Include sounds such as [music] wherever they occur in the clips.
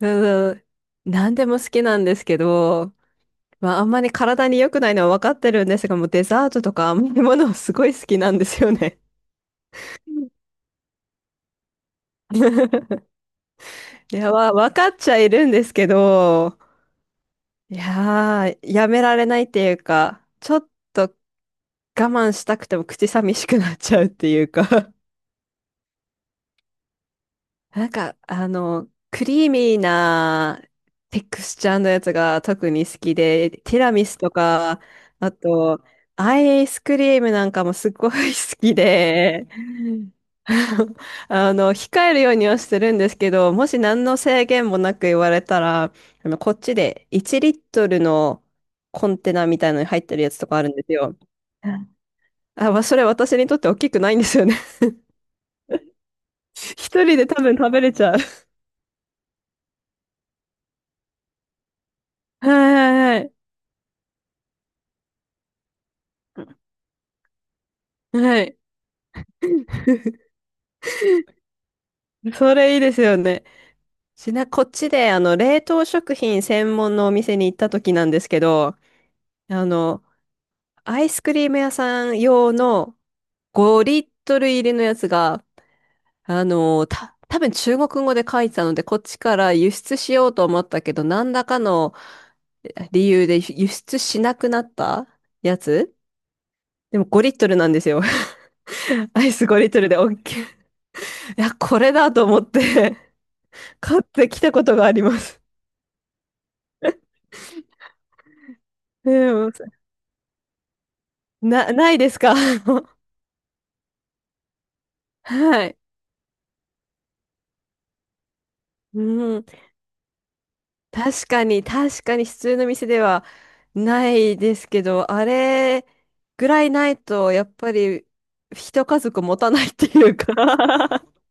うん、何でも好きなんですけど、まあ、あんまり体に良くないのは分かってるんですが、もうデザートとか甘いものすごい好きなんですよね。いや、分かっちゃいるんですけど、いやー、やめられないっていうか、ちょっと我慢したくても口寂しくなっちゃうっていうか、なんか、クリーミーなテクスチャーのやつが特に好きで、ティラミスとか、あと、アイスクリームなんかもすごい好きで、[laughs] 控えるようにはしてるんですけど、もし何の制限もなく言われたら、こっちで1リットルのコンテナみたいのに入ってるやつとかあるんですよ。あ、まあ、それ私にとって大きくないんですよね。[laughs] 一人で多分食べれちゃう。はいはいはい。はい。[laughs] それいいですよね。こっちで、冷凍食品専門のお店に行った時なんですけど、あの、アイスクリーム屋さん用の5リットル入りのやつが、多分中国語で書いてたので、こっちから輸出しようと思ったけど、何らかの理由で輸出しなくなったやつでも5リットルなんですよ。[laughs] アイス5リットルで OK。いや、これだと思って買ってきたことがあります。うん、ないですか？[laughs] はい。うん。確かに、確かに普通の店ではないですけど、あれぐらいないと、やっぱり一家族持たないっていうか。 [laughs]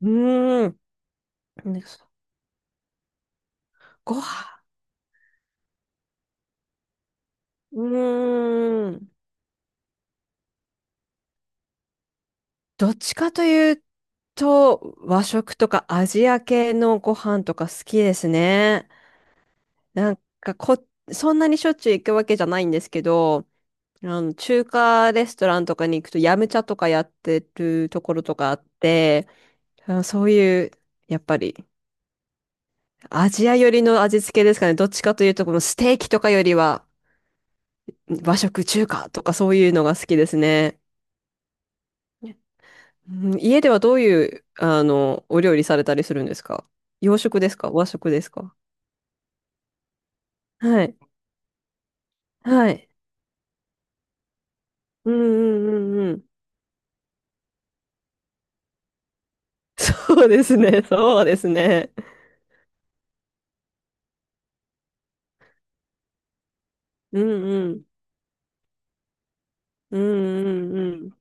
うん。ね。ご飯、うん。どっちかというと、和食とかアジア系のご飯とか好きですね。なんか、そんなにしょっちゅう行くわけじゃないんですけど、中華レストランとかに行くと、ヤムチャとかやってるところとかあって、そういう、やっぱり、アジア寄りの味付けですかね。どっちかというと、このステーキとかよりは、和食、中華とかそういうのが好きですね。うん、家ではどういう、お料理されたりするんですか？洋食ですか、和食ですか？はい。はい。うんうんうんうん。[laughs] そうですね。そうですね。うんうん。うんうんうん。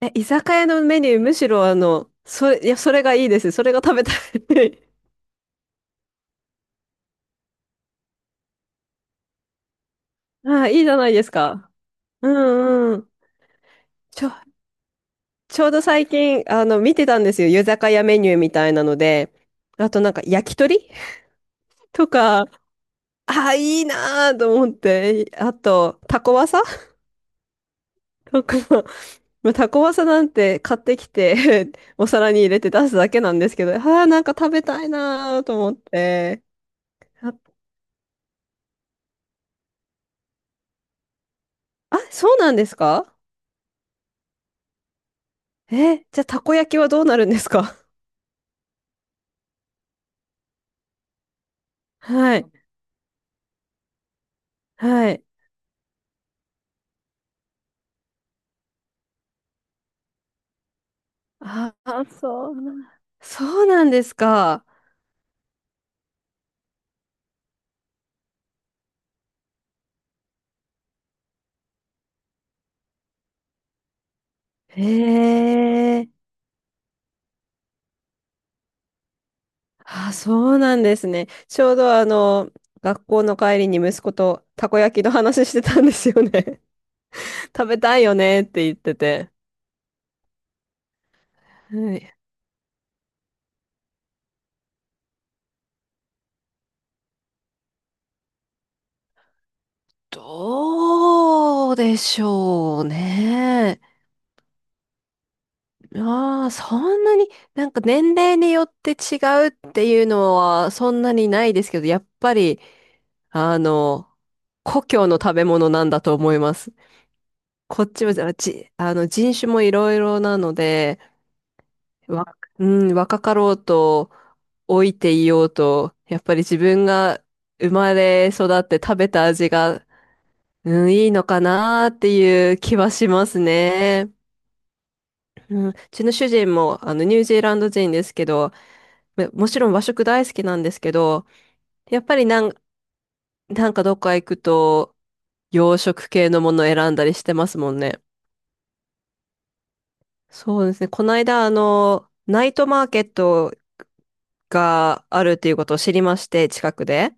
え、居酒屋のメニュー、むしろそれ、いや、それがいいです。それが食べたい。[laughs] ああ、いいじゃないですか。うんうん。ちょ、ちょうど最近、見てたんですよ。居酒屋メニューみたいなので。あとなんか、焼き鳥 [laughs] とか、ああ、いいなーと思って。あと、タコワサ、 [laughs] とか、[laughs] まあタコワサなんて買ってきて [laughs] お皿に入れて出すだけなんですけど、ああ、なんか食べたいなーと思って。あ、そうなんですか。え、じゃあ、たこ焼きはどうなるんですか？ [laughs] はい。はい。ああ、そうなんですか。へえ。あ、そうなんですね。ちょうど学校の帰りに息子とたこ焼きの話してたんですよね。[laughs] 食べたいよねって言ってて。はい。どうでしょうね。ああ、そんなに、なんか年齢によって違うっていうのはそんなにないですけど、やっぱり、あの、故郷の食べ物なんだと思います。こっちは、あじ、あの、人種もいろいろなので、わ、うん、若かろうと、老いていようと、やっぱり自分が生まれ育って食べた味が、うん、いいのかなっていう気はしますね。うん、うちの主人も、ニュージーランド人ですけど、もちろん和食大好きなんですけど、やっぱりなんかどっか行くと洋食系のものを選んだりしてますもんね。そうですね。この間、ナイトマーケットがあるっていうことを知りまして、近くで。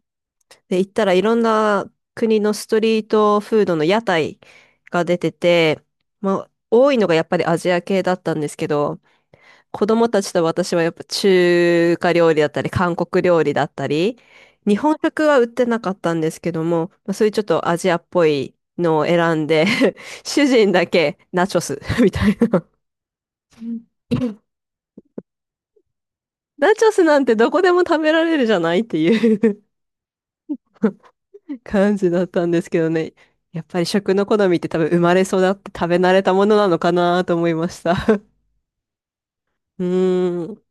で、行ったらいろんな国のストリートフードの屋台が出てて、まあ、多いのがやっぱりアジア系だったんですけど、子供たちと私はやっぱ中華料理だったり、韓国料理だったり、日本食は売ってなかったんですけども、まあ、そういうちょっとアジアっぽいのを選んで、 [laughs] 主人だけナチョス、 [laughs] みたいな。ナチョスなんてどこでも食べられるじゃないっていう [laughs] 感じだったんですけどね。やっぱり食の好みって多分生まれ育って食べ慣れたものなのかなと思いました。[laughs] うーん。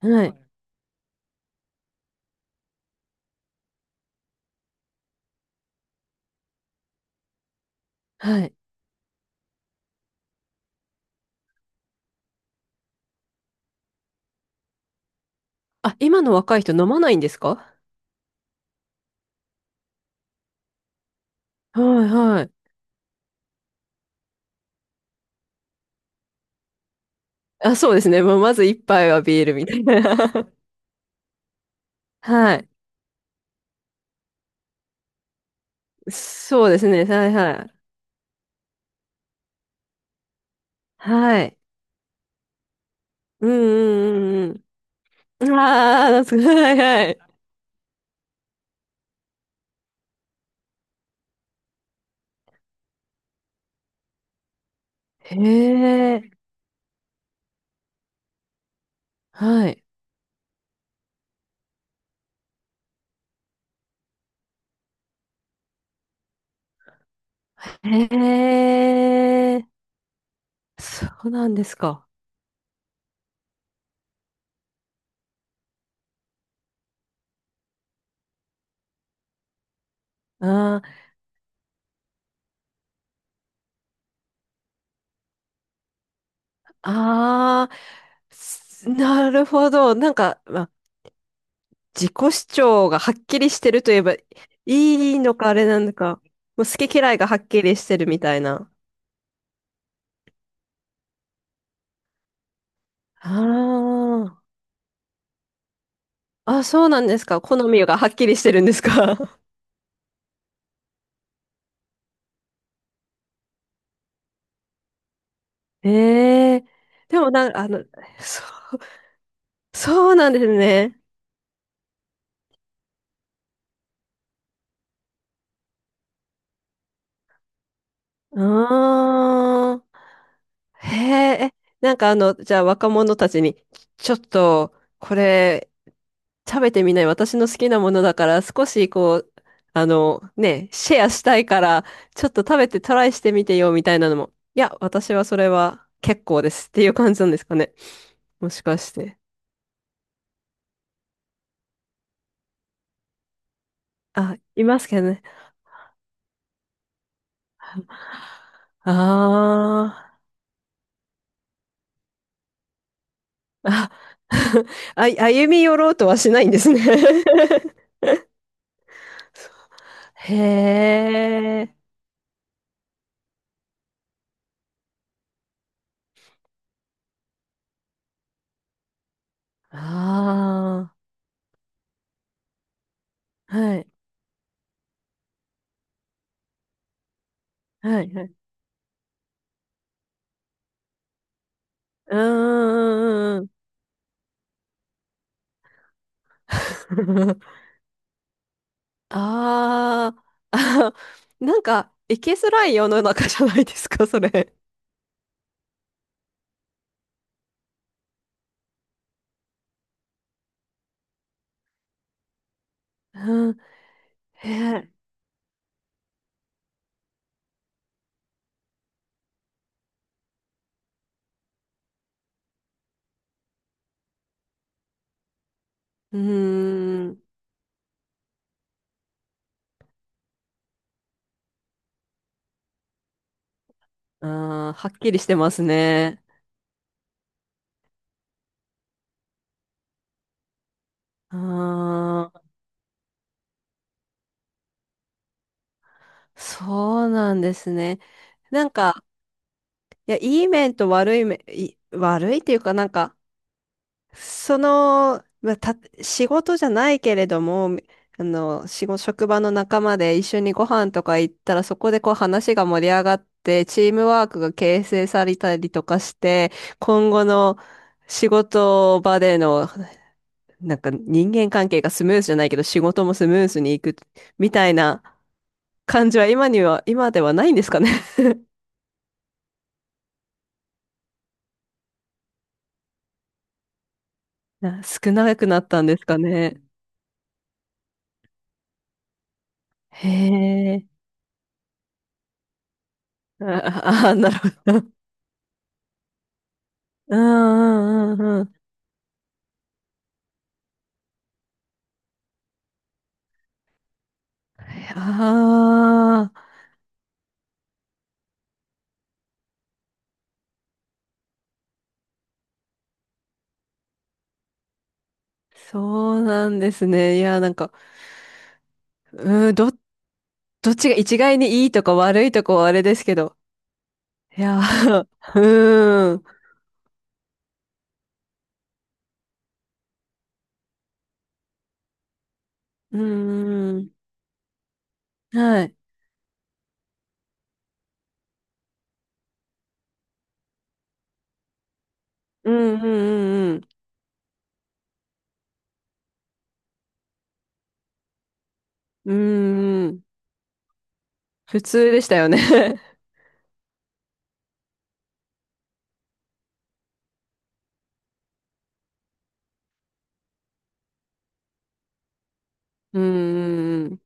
はい。はい。あ、今の若い人飲まないんですか？はいはい。あ、そうですね。もうまず一杯はビールみたいな。[laughs] はい。そうですね。はいはい。はい。うんうんうんうん。ああ、懐かしい。はいはい。へえ。はい。へえ。そうなんですか。ああ、ああ、なるほど。なんか、まあ、自己主張がはっきりしてるといえばいいのかあれなのか。もう好き嫌いがはっきりしてるみたいな。ああ。あ、そうなんですか。好みがはっきりしてるんですか。[laughs] ええ、でもなんか、そう、そうなんですね。ああ、へえ、え、なんかじゃあ若者たちに、ちょっと、これ、食べてみない？私の好きなものだから、少しこう、ね、シェアしたいから、ちょっと食べてトライしてみてよ、みたいなのも。いや、私はそれは結構ですっていう感じなんですかね。もしかして。あ、いますけどね。ああ、あ、[laughs] あ、歩み寄ろうとはしないんですね。 [laughs] へえ、ああ、はい、はい、はい。うーん、[laughs] うん、[laughs] あーあ、[laughs] なんか、いきづらい世の中じゃないですか、それ。[laughs] うん、へえ、うーん、あー、はっきりしてますね。ああ、そうなんですね。なんか、いや、いい面と悪い面、悪いっていうかなんか、その、まあ、仕事じゃないけれども、仕事、職場の仲間で一緒にご飯とか行ったら、そこでこう話が盛り上がって、チームワークが形成されたりとかして、今後の仕事場での、なんか人間関係がスムーズじゃないけど、仕事もスムーズにいくみたいな感じは今には、今ではないんですかね。[laughs] 少なくなったんですかね。へえ。ああ、なるほど。うんうんうんうん。ああ、そうなんですね。いや、なんか、うん、どっちが一概にいいとか悪いとかはあれですけど。いや、[laughs] うん、うん、うん、はい。うん、うん、うん、うん、うん、普通でしたよね。[laughs] うん、うん、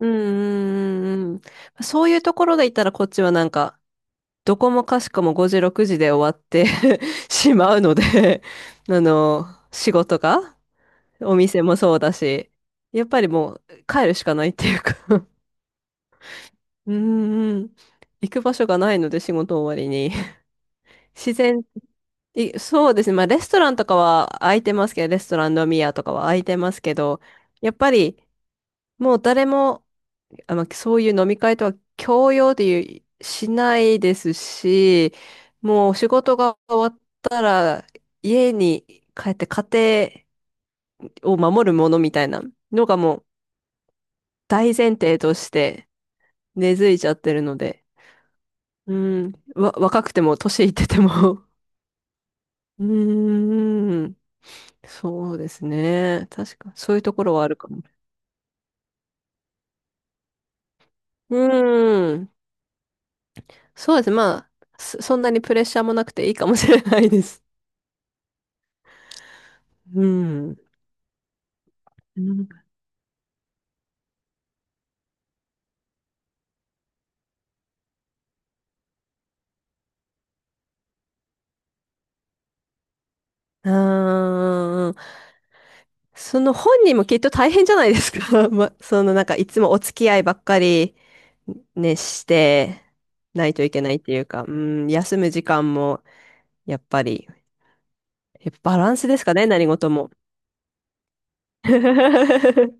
うん、うん、うんうんうん。そういうところで言ったらこっちはなんか、どこもかしこも5時、6時で終わって [laughs] しまうので、あの、仕事が、お店もそうだし、やっぱりもう帰るしかないっていうか。 [laughs] うんうん。行く場所がないので仕事終わりに。自然、そうですね。まあレストランとかは空いてますけど、レストラン飲み屋とかは空いてますけど、やっぱりもう誰もそういう飲み会とは強要でいうしないですし、もう仕事が終わったら家に帰って家庭を守るものみたいなのがもう大前提として根付いちゃってるので、うん、若くても年いってても。 [laughs] うーん、そうですね。確か、そういうところはあるかも。うーん、そうですね。まあ、そんなにプレッシャーもなくていいかもしれないです。うん。うん。うーん。その本人もきっと大変じゃないですか。[laughs] ま、そのなんかいつもお付き合いばっかりね、してないといけないっていうか、うん、休む時間もやっぱり、やっぱバランスですかね、何事も。[laughs] は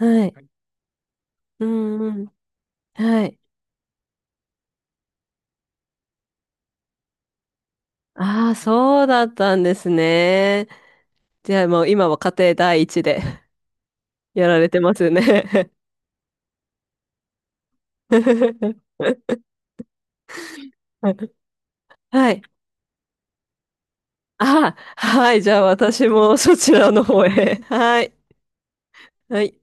い。うんうん。はい。ああ、そうだったんですね。じゃあもう今は家庭第一で。 [laughs] やられてますね。[laughs] はい。あ、はい。じゃあ私もそちらの方へ。はい。はい。